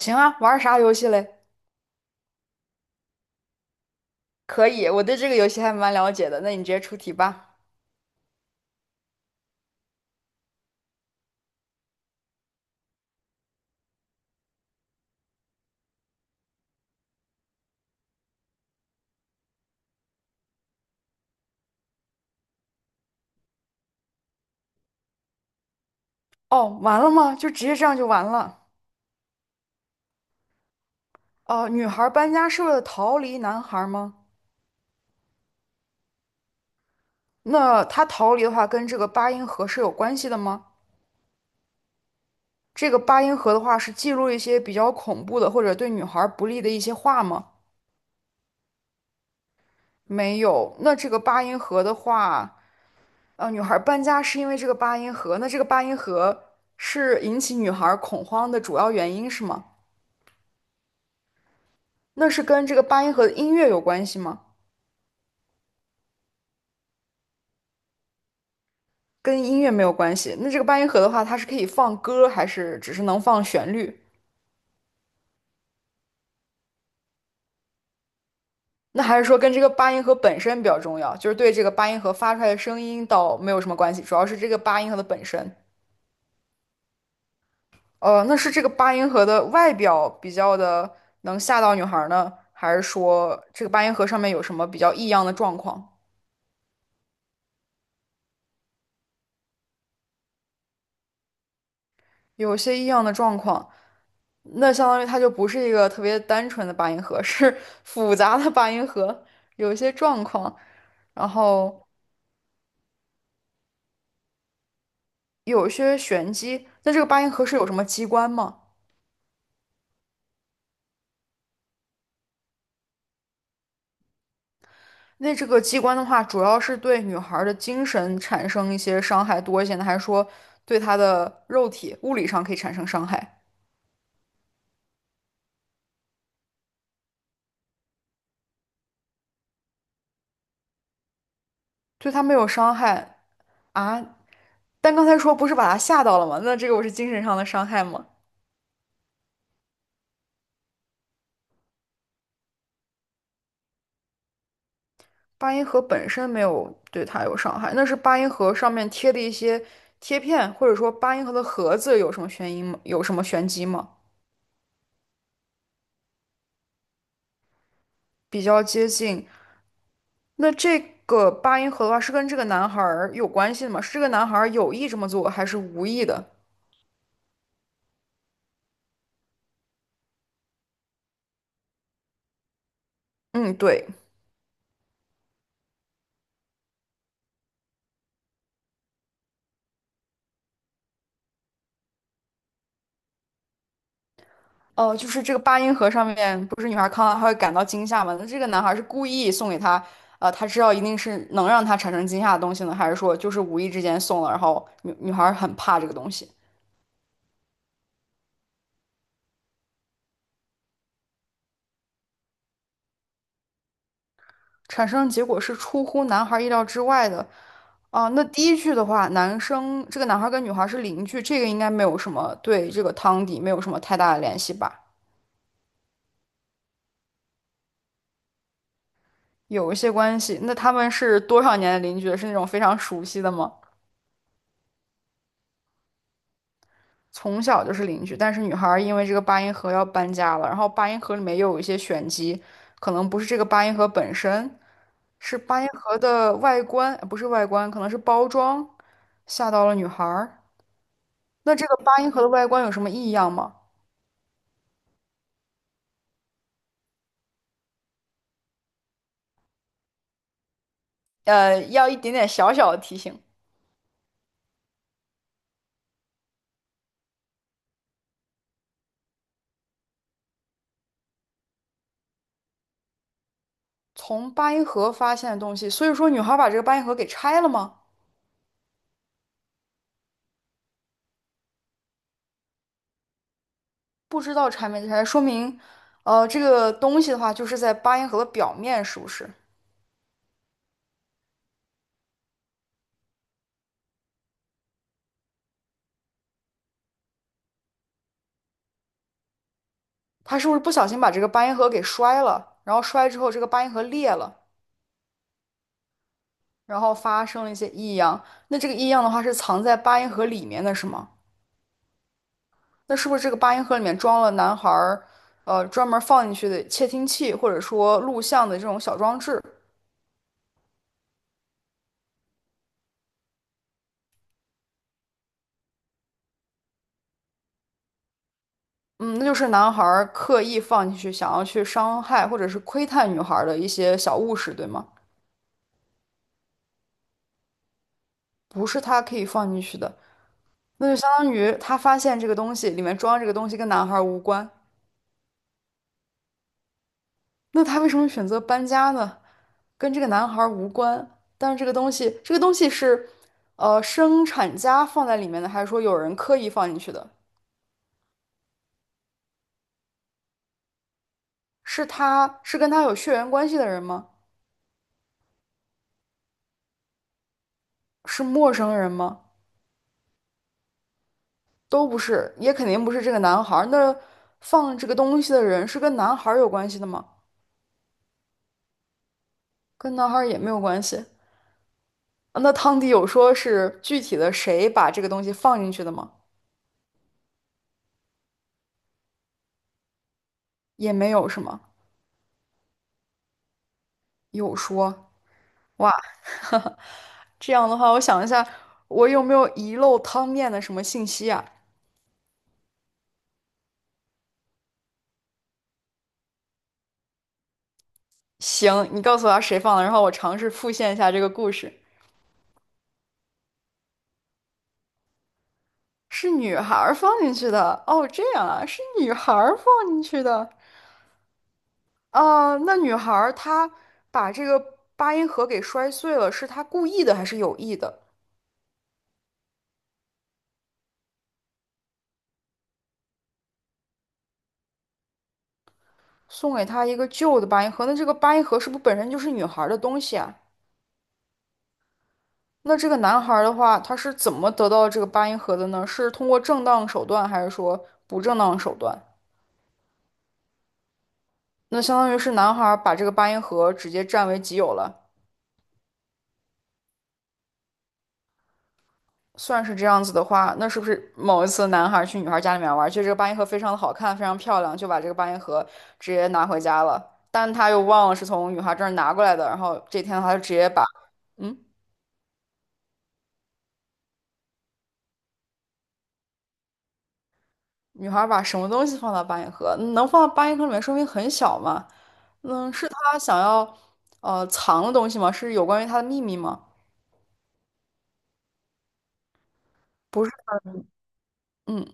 行啊，玩啥游戏嘞？可以，我对这个游戏还蛮了解的。那你直接出题吧。哦，完了吗？就直接这样就完了？哦、女孩搬家是为了逃离男孩吗？那她逃离的话，跟这个八音盒是有关系的吗？这个八音盒的话，是记录一些比较恐怖的或者对女孩不利的一些话吗？没有。那这个八音盒的话，女孩搬家是因为这个八音盒，那这个八音盒是引起女孩恐慌的主要原因是吗？那是跟这个八音盒的音乐有关系吗？跟音乐没有关系。那这个八音盒的话，它是可以放歌，还是只是能放旋律？那还是说跟这个八音盒本身比较重要，就是对这个八音盒发出来的声音倒没有什么关系，主要是这个八音盒的本身。那是这个八音盒的外表比较的能吓到女孩呢，还是说这个八音盒上面有什么比较异样的状况？有些异样的状况。那相当于它就不是一个特别单纯的八音盒，是复杂的八音盒，有一些状况，然后有一些玄机。那这个八音盒是有什么机关吗？那这个机关的话，主要是对女孩儿的精神产生一些伤害多一些呢，还是说对她的肉体物理上可以产生伤害？对她没有伤害啊？但刚才说不是把她吓到了吗？那这个我是精神上的伤害吗？八音盒本身没有对它有伤害，那是八音盒上面贴的一些贴片，或者说八音盒的盒子有什么悬疑吗？有什么玄机吗？比较接近。那这个八音盒的话，是跟这个男孩儿有关系的吗？是这个男孩儿有意这么做，还是无意的？嗯，对。哦，就是这个八音盒上面不是女孩看到她会感到惊吓吗？那这个男孩是故意送给她，他知道一定是能让她产生惊吓的东西呢，还是说就是无意之间送了，然后女孩很怕这个东西？产生的结果是出乎男孩意料之外的啊。那第一句的话，男生这个男孩跟女孩是邻居，这个应该没有什么对这个汤底没有什么太大的联系吧？有一些关系。那他们是多少年的邻居是那种非常熟悉的吗？从小就是邻居，但是女孩因为这个八音盒要搬家了，然后八音盒里面又有一些玄机，可能不是这个八音盒本身，是八音盒的外观，不是外观，可能是包装吓到了女孩那这个八音盒的外观有什么异样吗？要一点点小小的提醒，从八音盒发现的东西，所以说女孩把这个八音盒给拆了吗？不知道拆没拆，说明，这个东西的话就是在八音盒的表面，是不是？她是不是不小心把这个八音盒给摔了？然后摔之后，这个八音盒裂了，然后发生了一些异样。那这个异样的话是藏在八音盒里面的，是吗？那是不是这个八音盒里面装了男孩儿，专门放进去的窃听器，或者说录像的这种小装置？嗯，那就是男孩儿刻意放进去，想要去伤害或者是窥探女孩儿的一些小物事，对吗？不是他可以放进去的，那就相当于他发现这个东西里面装这个东西跟男孩儿无关，那他为什么选择搬家呢？跟这个男孩儿无关，但是这个东西，这个东西是，生产家放在里面的，还是说有人刻意放进去的？是他是跟他有血缘关系的人吗？是陌生人吗？都不是，也肯定不是这个男孩儿。那放这个东西的人是跟男孩儿有关系的吗？跟男孩儿也没有关系。啊那汤迪有说是具体的谁把这个东西放进去的吗？也没有，是吗？有说，哇，这样的话，我想一下，我有没有遗漏汤面的什么信息啊？行，你告诉我谁放的，然后我尝试复现一下这个故事。是女孩儿放进去的，哦，这样啊，是女孩儿放进去的。啊，那女孩儿她把这个八音盒给摔碎了，是她故意的还是有意的？送给她一个旧的八音盒，那这个八音盒是不是本身就是女孩儿的东西啊？那这个男孩儿的话，他是怎么得到这个八音盒的呢？是通过正当手段，还是说不正当手段？那相当于是男孩儿把这个八音盒直接占为己有了。算是这样子的话，那是不是某一次男孩去女孩家里面玩，觉得这个八音盒非常的好看，非常漂亮，就把这个八音盒直接拿回家了？但他又忘了是从女孩这儿拿过来的，然后这天他就直接把，嗯，女孩把什么东西放到八音盒？能放到八音盒里面，说明很小嘛？嗯，是他想要藏的东西吗？是有关于他的秘密吗？不是，嗯，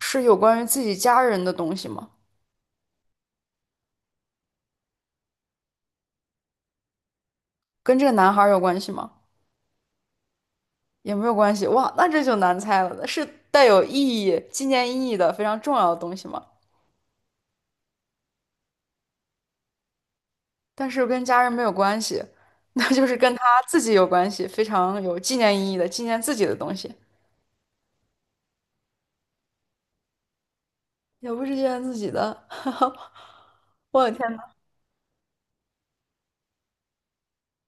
是有关于自己家人的东西吗？跟这个男孩有关系吗？也没有关系。哇，那这就难猜了，是带有意义、纪念意义的非常重要的东西吗？但是跟家人没有关系，那就是跟他自己有关系，非常有纪念意义的，纪念自己的东西，也不是纪念自己的。我的天呐，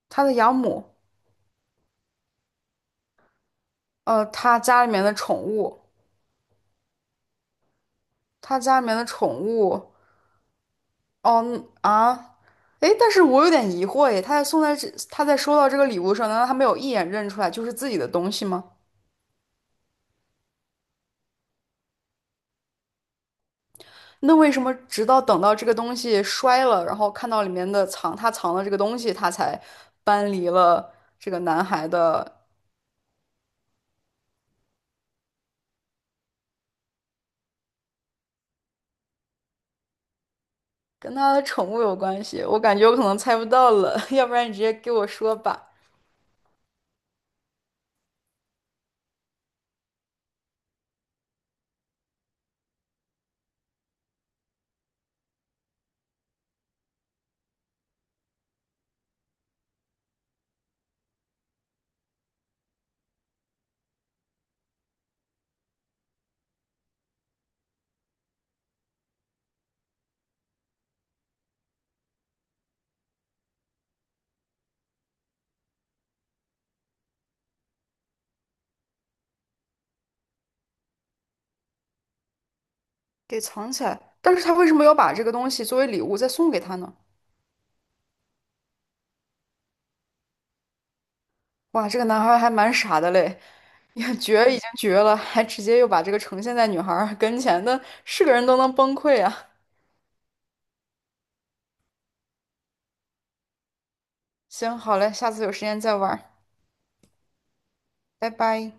他的养母，他家里面的宠物，他家里面的宠物，哦嗯啊。诶，但是我有点疑惑耶，他在送在这，他在收到这个礼物的时候，难道他没有一眼认出来就是自己的东西吗？那为什么直到等到这个东西摔了，然后看到里面的藏他藏的这个东西，他才搬离了这个男孩的，跟他的宠物有关系？我感觉我可能猜不到了，要不然你直接给我说吧，给藏起来。但是他为什么要把这个东西作为礼物再送给他呢？哇，这个男孩还蛮傻的嘞，也绝已经绝了，还直接又把这个呈现在女孩儿跟前的，是个人都能崩溃啊！行，好嘞，下次有时间再玩儿，拜拜。